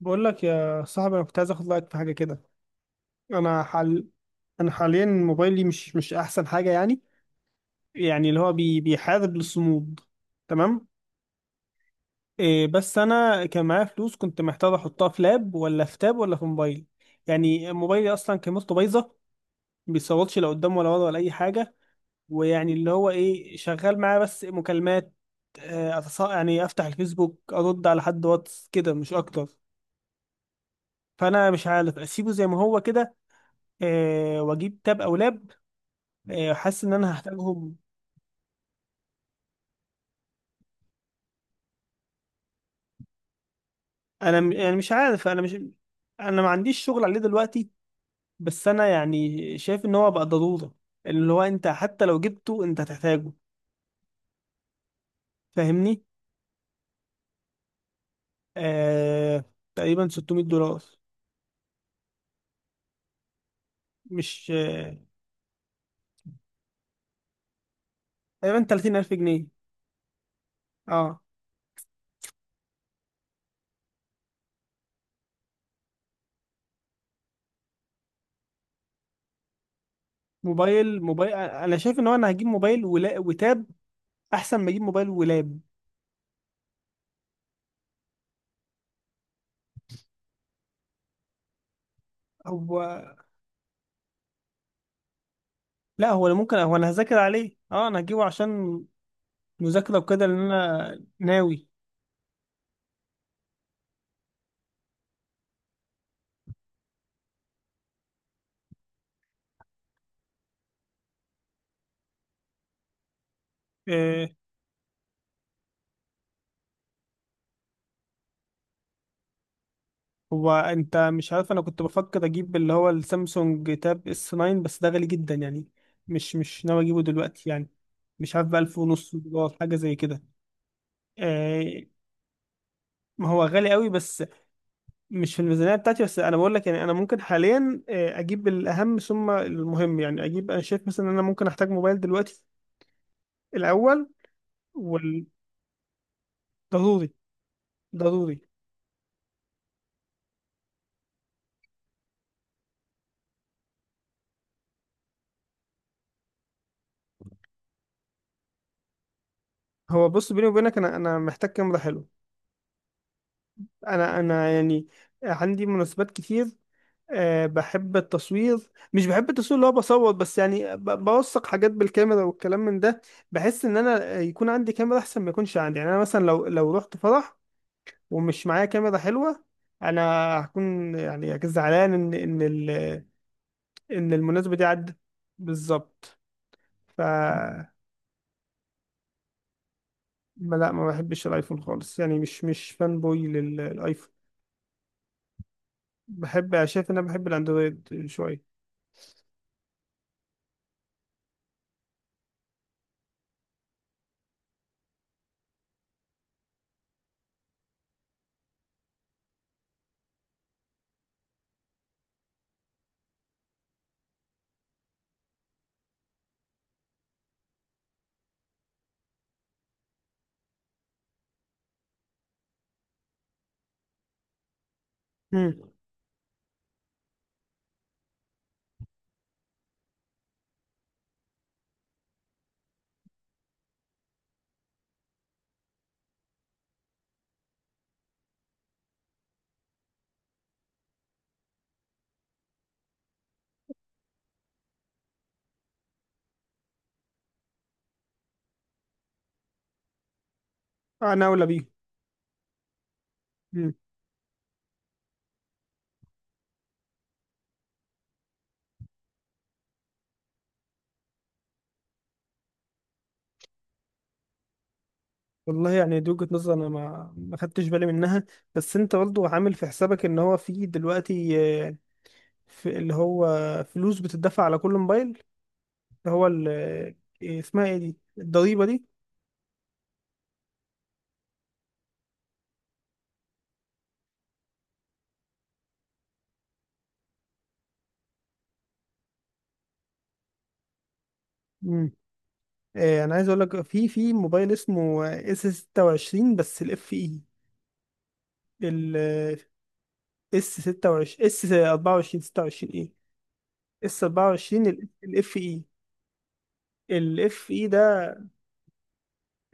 بقول لك يا صاحبي، انا كنت عايز اخد رايك في حاجه كده. انا حال انا حاليا موبايلي مش احسن حاجه يعني. يعني اللي هو بيحارب للصمود. تمام. إيه، بس انا كان معايا فلوس كنت محتاج احطها في لاب ولا في تاب ولا في موبايل. يعني موبايلي اصلا كاميرته بايظه، ما بيصورش لا قدام ولا ورا ولا اي حاجه. ويعني اللي هو ايه، شغال معايا بس مكالمات. يعني افتح الفيسبوك ارد على حد واتس كده مش اكتر. فانا مش عارف اسيبه زي ما هو كده. واجيب تاب او لاب. إيه، حاسس ان انا هحتاجهم. انا يعني مش عارف. انا ما عنديش شغل عليه دلوقتي، بس انا يعني شايف ان هو بقى ضرورة. اللي هو انت حتى لو جبته انت هتحتاجه، فاهمني. آه... تقريبا 600 دولار. مش. تقريبا 30000 جنيه، اه. موبايل موبايل، انا شايف ان هو انا هجيب موبايل وتاب، احسن ما اجيب موبايل ولاب. هو لا، هو أنا ممكن، هو انا هذاكر عليه، اه انا هجيبه عشان مذاكرة وكده لان انا ناوي. آه، هو انت مش عارف انا كنت بفكر اجيب اللي هو السامسونج تاب اس 9، بس ده غالي جدا يعني. مش ناوي اجيبه دلوقتي يعني. مش عارف بقى 1000 ونص دولار حاجه زي كده. آه. ما هو غالي قوي، بس مش في الميزانيه بتاعتي. بس انا بقول لك يعني، انا ممكن حاليا اجيب الاهم ثم المهم. يعني اجيب، انا شايف مثلا ان انا ممكن احتاج موبايل دلوقتي الاول والضروري. ضروري. هو بص، بيني وبينك انا محتاج كاميرا حلوه. انا يعني عندي مناسبات كتير. بحب التصوير، مش بحب التصوير اللي هو بصور بس، يعني بوثق حاجات بالكاميرا والكلام من ده. بحس ان انا يكون عندي كاميرا احسن ما يكونش عندي. يعني انا مثلا لو رحت فرح ومش معايا كاميرا حلوة، انا هكون يعني زعلان ان ان المناسبة دي عدت. بالظبط. ف لا، ما بحبش الايفون خالص، يعني مش فان بوي للايفون. شايف ان انا بحب الاندرويد شوية. مم. انا اولى بيه. والله يعني دي وجهة نظر انا ما خدتش بالي منها. بس انت برضه عامل في حسابك ان هو في دلوقتي، آه، في اللي هو فلوس بتدفع على كل موبايل، اللي هو اسمها ايه دي، الضريبة دي. مم. انا عايز اقول لك في موبايل اسمه اس 26 بس الاف اي. ال اس 26، اس 24، 26 اي. اس 24 الاف اي. الاف اي ده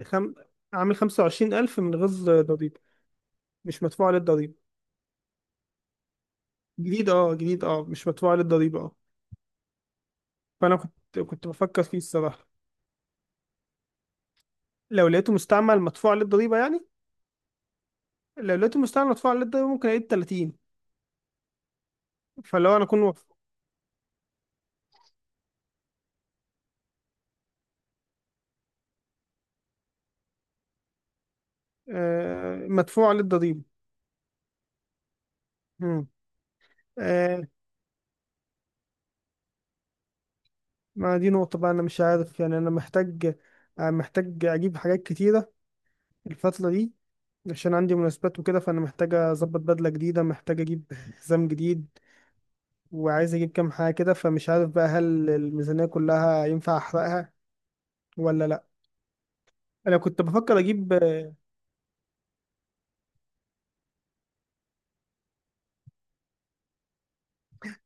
خم... عامل 25000 من غير ضريبة، مش مدفوع عليه الضريبة. جديد، اه جديد اه، مش مدفوع للضريبة اه. فأنا كنت بفكر فيه الصراحة. لو لقيته مستعمل مدفوع للضريبة يعني، لو لقيته مستعمل مدفوع للضريبة ممكن ألاقيه بتلاتين. فلو أنا أكون، آه مدفوع للضريبة. مم. آه ما دي نقطة بقى، أنا مش عارف يعني. أنا محتاج، محتاج أجيب حاجات كتيرة الفترة دي، عشان عندي مناسبات وكده. فأنا محتاج أظبط بدلة جديدة، محتاج أجيب حزام جديد، وعايز أجيب كام حاجة كده. فمش عارف بقى هل الميزانية كلها ينفع أحرقها ولا لأ. انا كنت بفكر اجيب.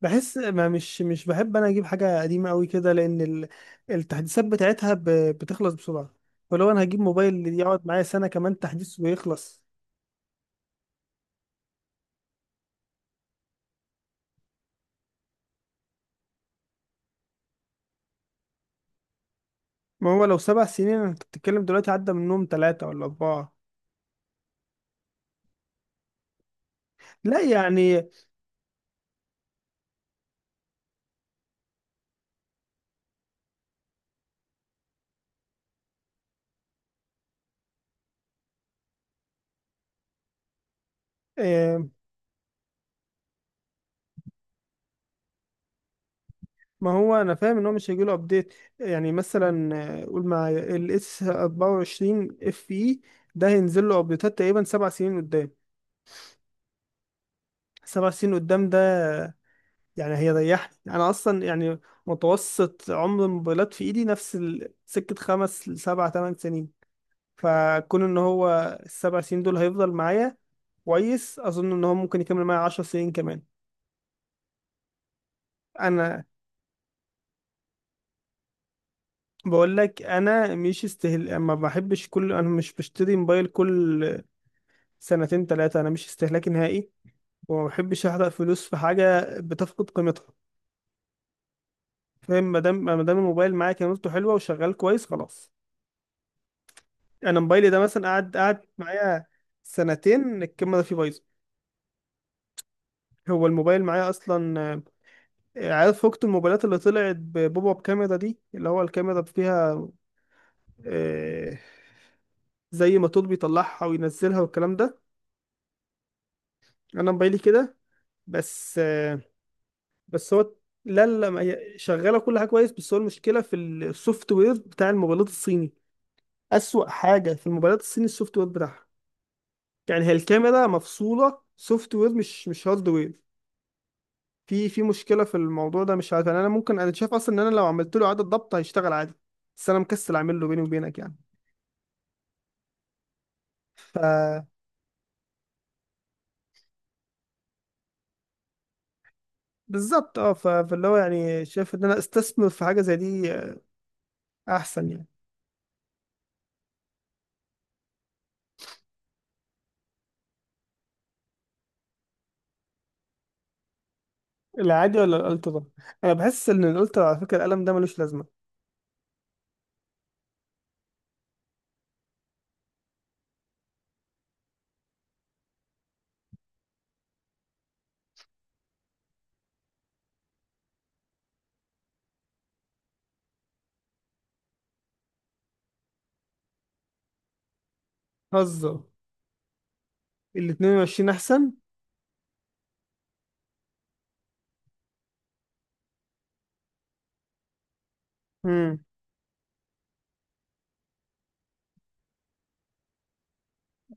بحس ما مش بحب انا اجيب حاجه قديمه قوي كده، لان التحديثات بتاعتها بتخلص بسرعه. فلو انا هجيب موبايل يقعد معايا سنه كمان تحديث ويخلص. ما هو لو سبع سنين، انا كنت بتتكلم دلوقتي عدى منهم ثلاثه ولا اربعه. لا يعني. آه، ما هو انا فاهم ان هو مش هيجيله ابديت. يعني مثلا قول مع الاس 24 اف اي، ده هينزل له ابديتات تقريبا سبع سنين قدام. سبع سنين قدام ده، يعني هي ريحت انا اصلا. يعني متوسط عمر الموبايلات في ايدي نفس سكة خمس لسبع تمن سنين. فكون ان هو السبع سنين دول هيفضل معايا، كويس. اظن ان هو ممكن يكمل معايا عشر سنين كمان. انا بقول لك، انا مش استهل ما بحبش كل، انا مش بشتري موبايل كل سنتين ثلاثة. انا مش استهلاكي نهائي، وما بحبش احرق فلوس في حاجة بتفقد قيمتها. فاهم؟ ما دام الموبايل معايا كاميرته حلوة وشغال كويس، خلاص. انا موبايلي ده مثلا قعد معايا سنتين، الكاميرا ده فيه بايظه. هو الموبايل معايا اصلا، عارف فكت الموبايلات اللي طلعت ببوب اب كاميرا دي، اللي هو الكاميرا فيها آه، زي موتور بيطلعها وينزلها والكلام ده. انا موبايلي كده، بس. بس هو، لا لا، ما هي شغاله كل حاجه كويس، بس هو المشكله في السوفت وير بتاع الموبايلات الصيني. اسوأ حاجه في الموبايلات الصيني السوفت وير بتاعها. يعني هي الكاميرا مفصوله سوفت وير، مش هارد وير. في مشكلة في الموضوع ده، مش عارف يعني. انا ممكن، انا شايف اصلا ان انا لو عملت له اعادة ضبط هيشتغل عادي، بس انا مكسل اعمل له، بيني وبينك يعني. ف بالظبط، اه. فاللي هو يعني شايف ان انا استثمر في حاجة زي دي، احسن يعني. العادي ولا الالترا؟ انا بحس ان الالترا، على فكرة القلم ده ملوش لازمة. هزر. ال 22 احسن. امم.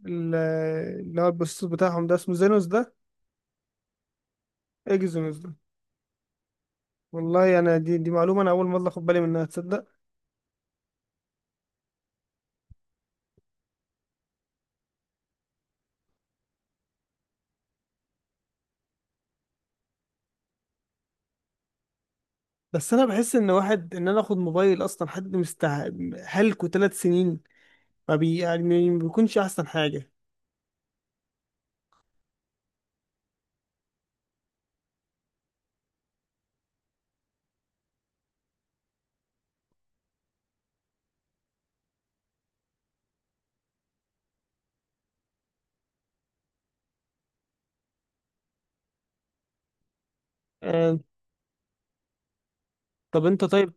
ال- اللي هو البروسيسور بتاعهم ده اسمه زينوس ده. اكزينوس ده. والله انا دي معلومة انا اول مرة اخد بالي منها، تصدق؟ بس انا بحس ان انا اخد موبايل اصلا حد هلكه ثلاث سنين، ما بي يعني ما بيكونش احسن حاجه. آه. طب انت طيب.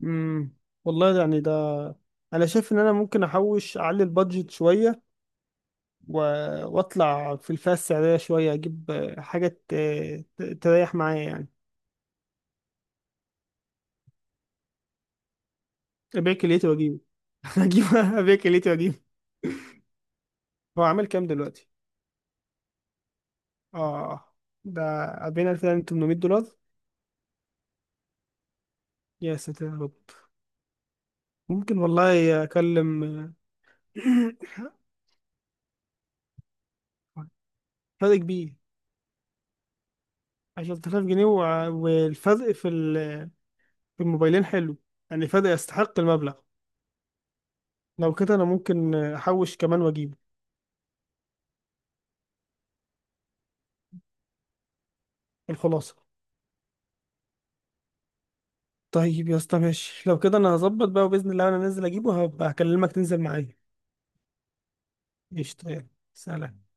مم. والله يعني ده، انا شايف ان انا ممكن احوش اعلي البادجت شويه و... واطلع في الفئه السعريه شويه، اجيب حاجه، تريح معايا يعني. ابيع كليتي واجيبه. ابيع كليتي واجيبه. هو عامل كام دلوقتي؟ اه. آه، ده 40800 دولار. يا ساتر يا رب. ممكن والله اكلم. فرق كبير. عشرة آلاف جنيه، والفرق في في الموبايلين حلو، يعني فرق يستحق المبلغ. لو كده أنا ممكن أحوش كمان وأجيبه. الخلاصة. طيب يا اسطى، ماشي. لو كده أنا هظبط بقى، وبإذن الله أنا نازل أجيبه هبقى أكلمك تنزل معايا. قشطة، يلا. سلام.